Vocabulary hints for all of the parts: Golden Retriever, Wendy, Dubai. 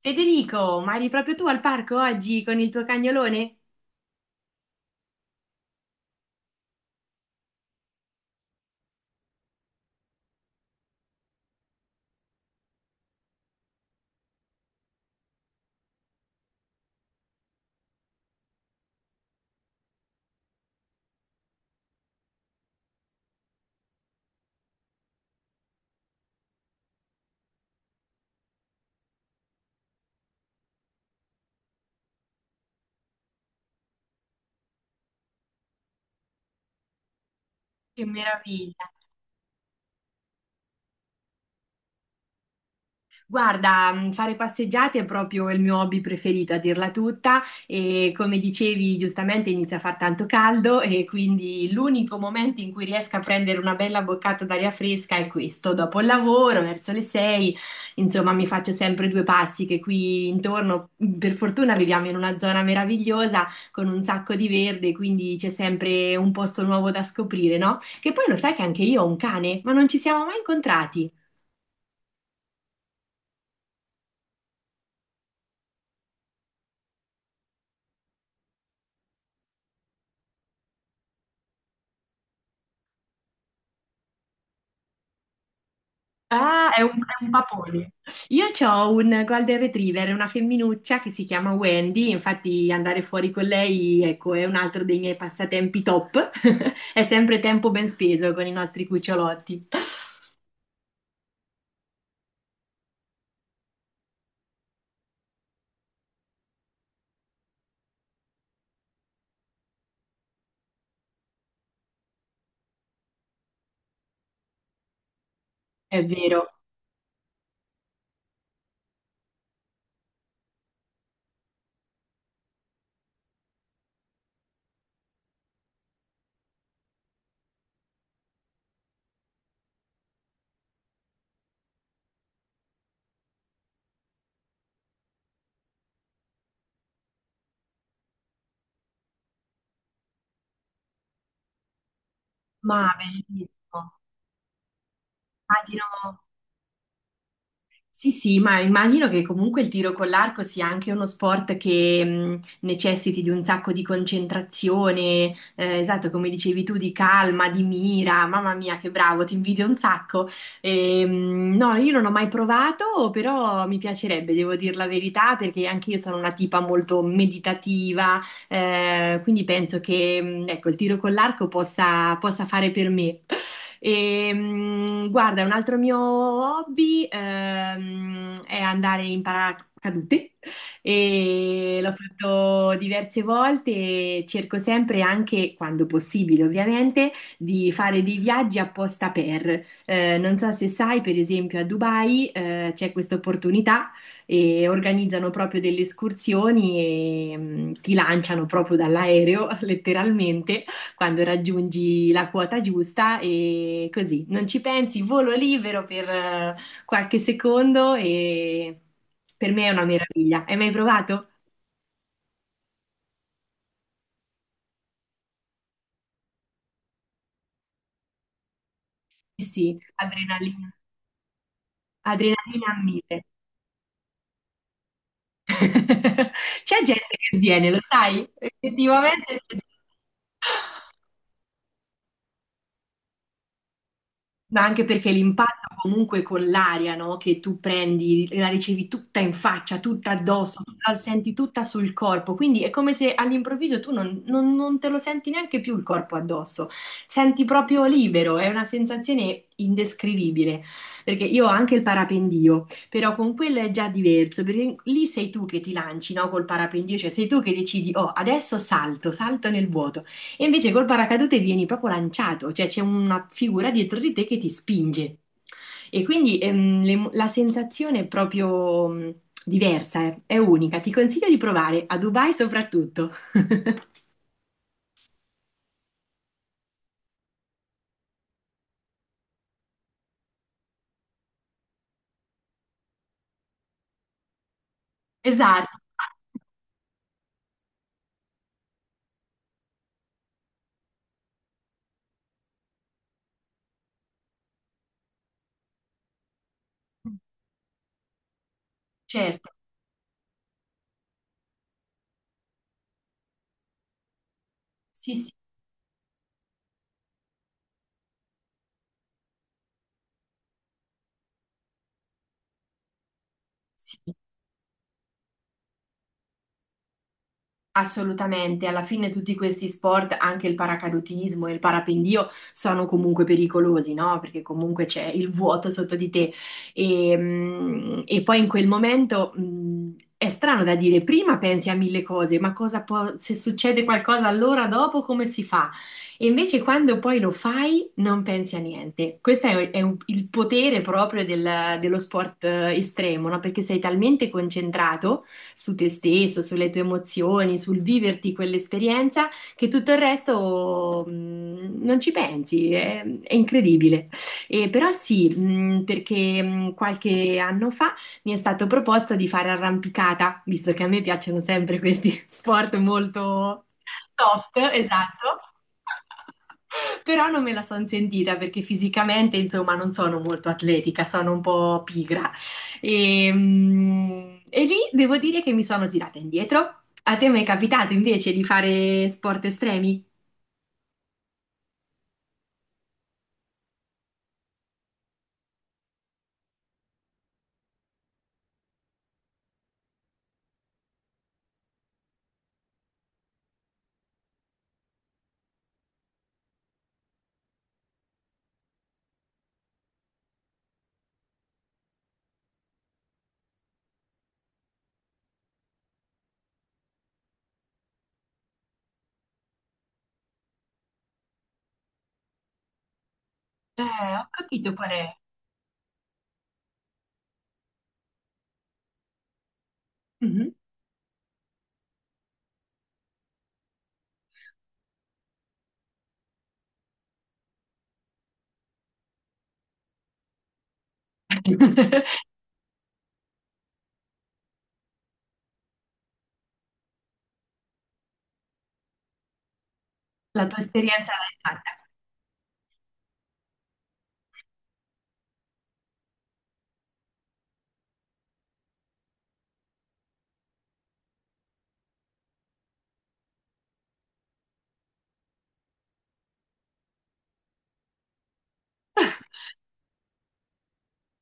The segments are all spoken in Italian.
Federico, ma eri proprio tu al parco oggi con il tuo cagnolone? Che meraviglia! Guarda, fare passeggiate è proprio il mio hobby preferito, a dirla tutta, e come dicevi giustamente inizia a far tanto caldo e quindi l'unico momento in cui riesco a prendere una bella boccata d'aria fresca è questo, dopo il lavoro, verso le sei, insomma mi faccio sempre due passi che qui intorno, per fortuna viviamo in una zona meravigliosa con un sacco di verde, quindi c'è sempre un posto nuovo da scoprire, no? Che poi lo sai che anche io ho un cane, ma non ci siamo mai incontrati. Ah, è un papone. Io ho un Golden Retriever, una femminuccia che si chiama Wendy, infatti andare fuori con lei, ecco, è un altro dei miei passatempi top. È sempre tempo ben speso con i nostri cucciolotti. È vero, ma bellissimo. Immagino. Sì, sì, ma immagino che comunque il tiro con l'arco sia anche uno sport che necessiti di un sacco di concentrazione, esatto, come dicevi tu, di calma, di mira. Mamma mia, che bravo, ti invidio un sacco. E, no, io non ho mai provato, però mi piacerebbe, devo dire la verità, perché anche io sono una tipa molto meditativa, quindi penso che, ecco, il tiro con l'arco possa fare per me. E, guarda, un altro mio hobby è andare in paracadute e l'ho fatto diverse volte e cerco sempre, anche quando possibile ovviamente, di fare dei viaggi apposta per. Non so se sai, per esempio a Dubai c'è questa opportunità e organizzano proprio delle escursioni e ti lanciano proprio dall'aereo, letteralmente quando raggiungi la quota giusta e così, non ci pensi, volo libero per qualche secondo e per me è una meraviglia. Hai mai provato? Sì, sì, adrenalina, adrenalina a mille. C'è gente che sviene, lo sai? Effettivamente. Ma anche perché l'impatto comunque con l'aria, no? Che tu prendi, la ricevi tutta in faccia, tutta addosso, la senti tutta sul corpo, quindi è come se all'improvviso tu non te lo senti neanche più il corpo addosso, senti proprio libero, è una sensazione indescrivibile, perché io ho anche il parapendio, però con quello è già diverso, perché lì sei tu che ti lanci, no? Col parapendio, cioè sei tu che decidi, oh, adesso salto, salto nel vuoto. E invece col paracadute vieni proprio lanciato, cioè c'è una figura dietro di te che ti spinge. E quindi la sensazione è proprio diversa, è unica. Ti consiglio di provare a Dubai soprattutto. Esatto, certo, sì, sì, sì. Assolutamente, alla fine tutti questi sport, anche il paracadutismo e il parapendio, sono comunque pericolosi, no? Perché comunque c'è il vuoto sotto di te. E, e poi in quel momento, è strano da dire, prima pensi a mille cose, ma cosa può, se succede qualcosa allora dopo come si fa? E invece quando poi lo fai non pensi a niente. Questo è, il potere proprio dello sport estremo, no? Perché sei talmente concentrato su te stesso, sulle tue emozioni, sul viverti quell'esperienza, che tutto il resto non ci pensi, è incredibile. E però sì, perché qualche anno fa mi è stato proposto di fare arrampicata, visto che a me piacciono sempre questi sport molto soft, esatto. Però non me la sono sentita perché fisicamente, insomma, non sono molto atletica, sono un po' pigra. E, e lì devo dire che mi sono tirata indietro. A te mi è capitato invece di fare sport estremi? Ho capito qual è. Mhm. La tua esperienza l'hai fatta.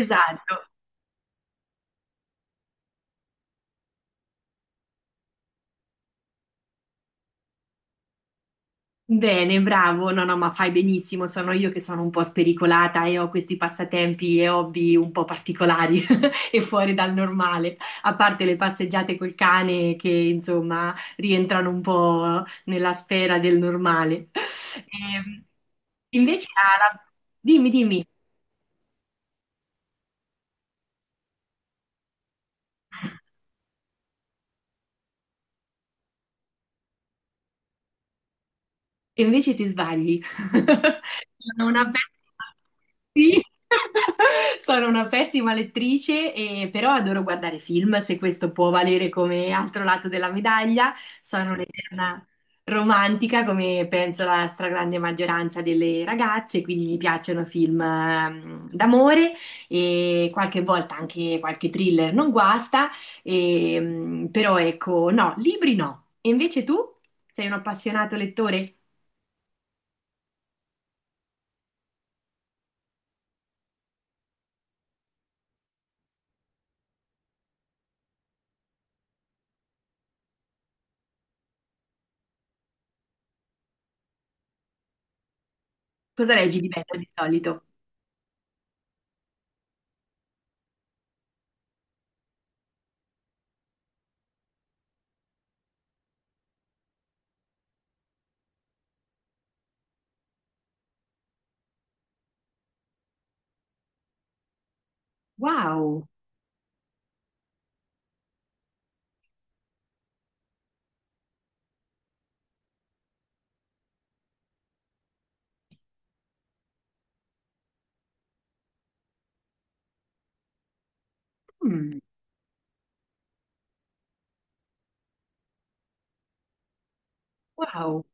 Esatto. Bene, bravo. No, no, ma fai benissimo. Sono io che sono un po' spericolata e ho questi passatempi e hobby un po' particolari e fuori dal normale, a parte le passeggiate col cane che insomma rientrano un po' nella sfera del normale. Ehm, invece, dimmi, dimmi, e invece ti sbagli. Sono una pessima, sì. Sono una pessima lettrice, però adoro guardare film, se questo può valere come altro lato della medaglia. Sono un'eterna romantica, come penso la stragrande maggioranza delle ragazze, quindi mi piacciono film d'amore e qualche volta anche qualche thriller non guasta, e, però ecco, no, libri no. E invece tu sei un appassionato lettore? Cosa leggi di bello di solito? Wow. Mm. Wow,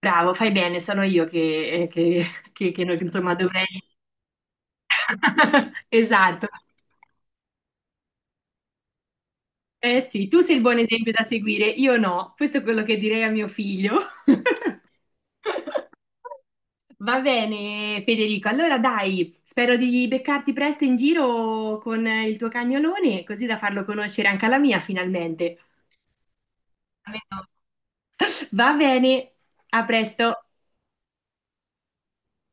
bravo, fai bene, sono io che, eh, che- che, insomma dovrei... Esatto, eh sì, tu sei il buon esempio da seguire, io no, questo è quello che direi a mio figlio. Va bene, Federico, allora dai, spero di beccarti presto in giro con il tuo cagnolone, così da farlo conoscere anche alla mia finalmente. Almeno. Va bene, a presto.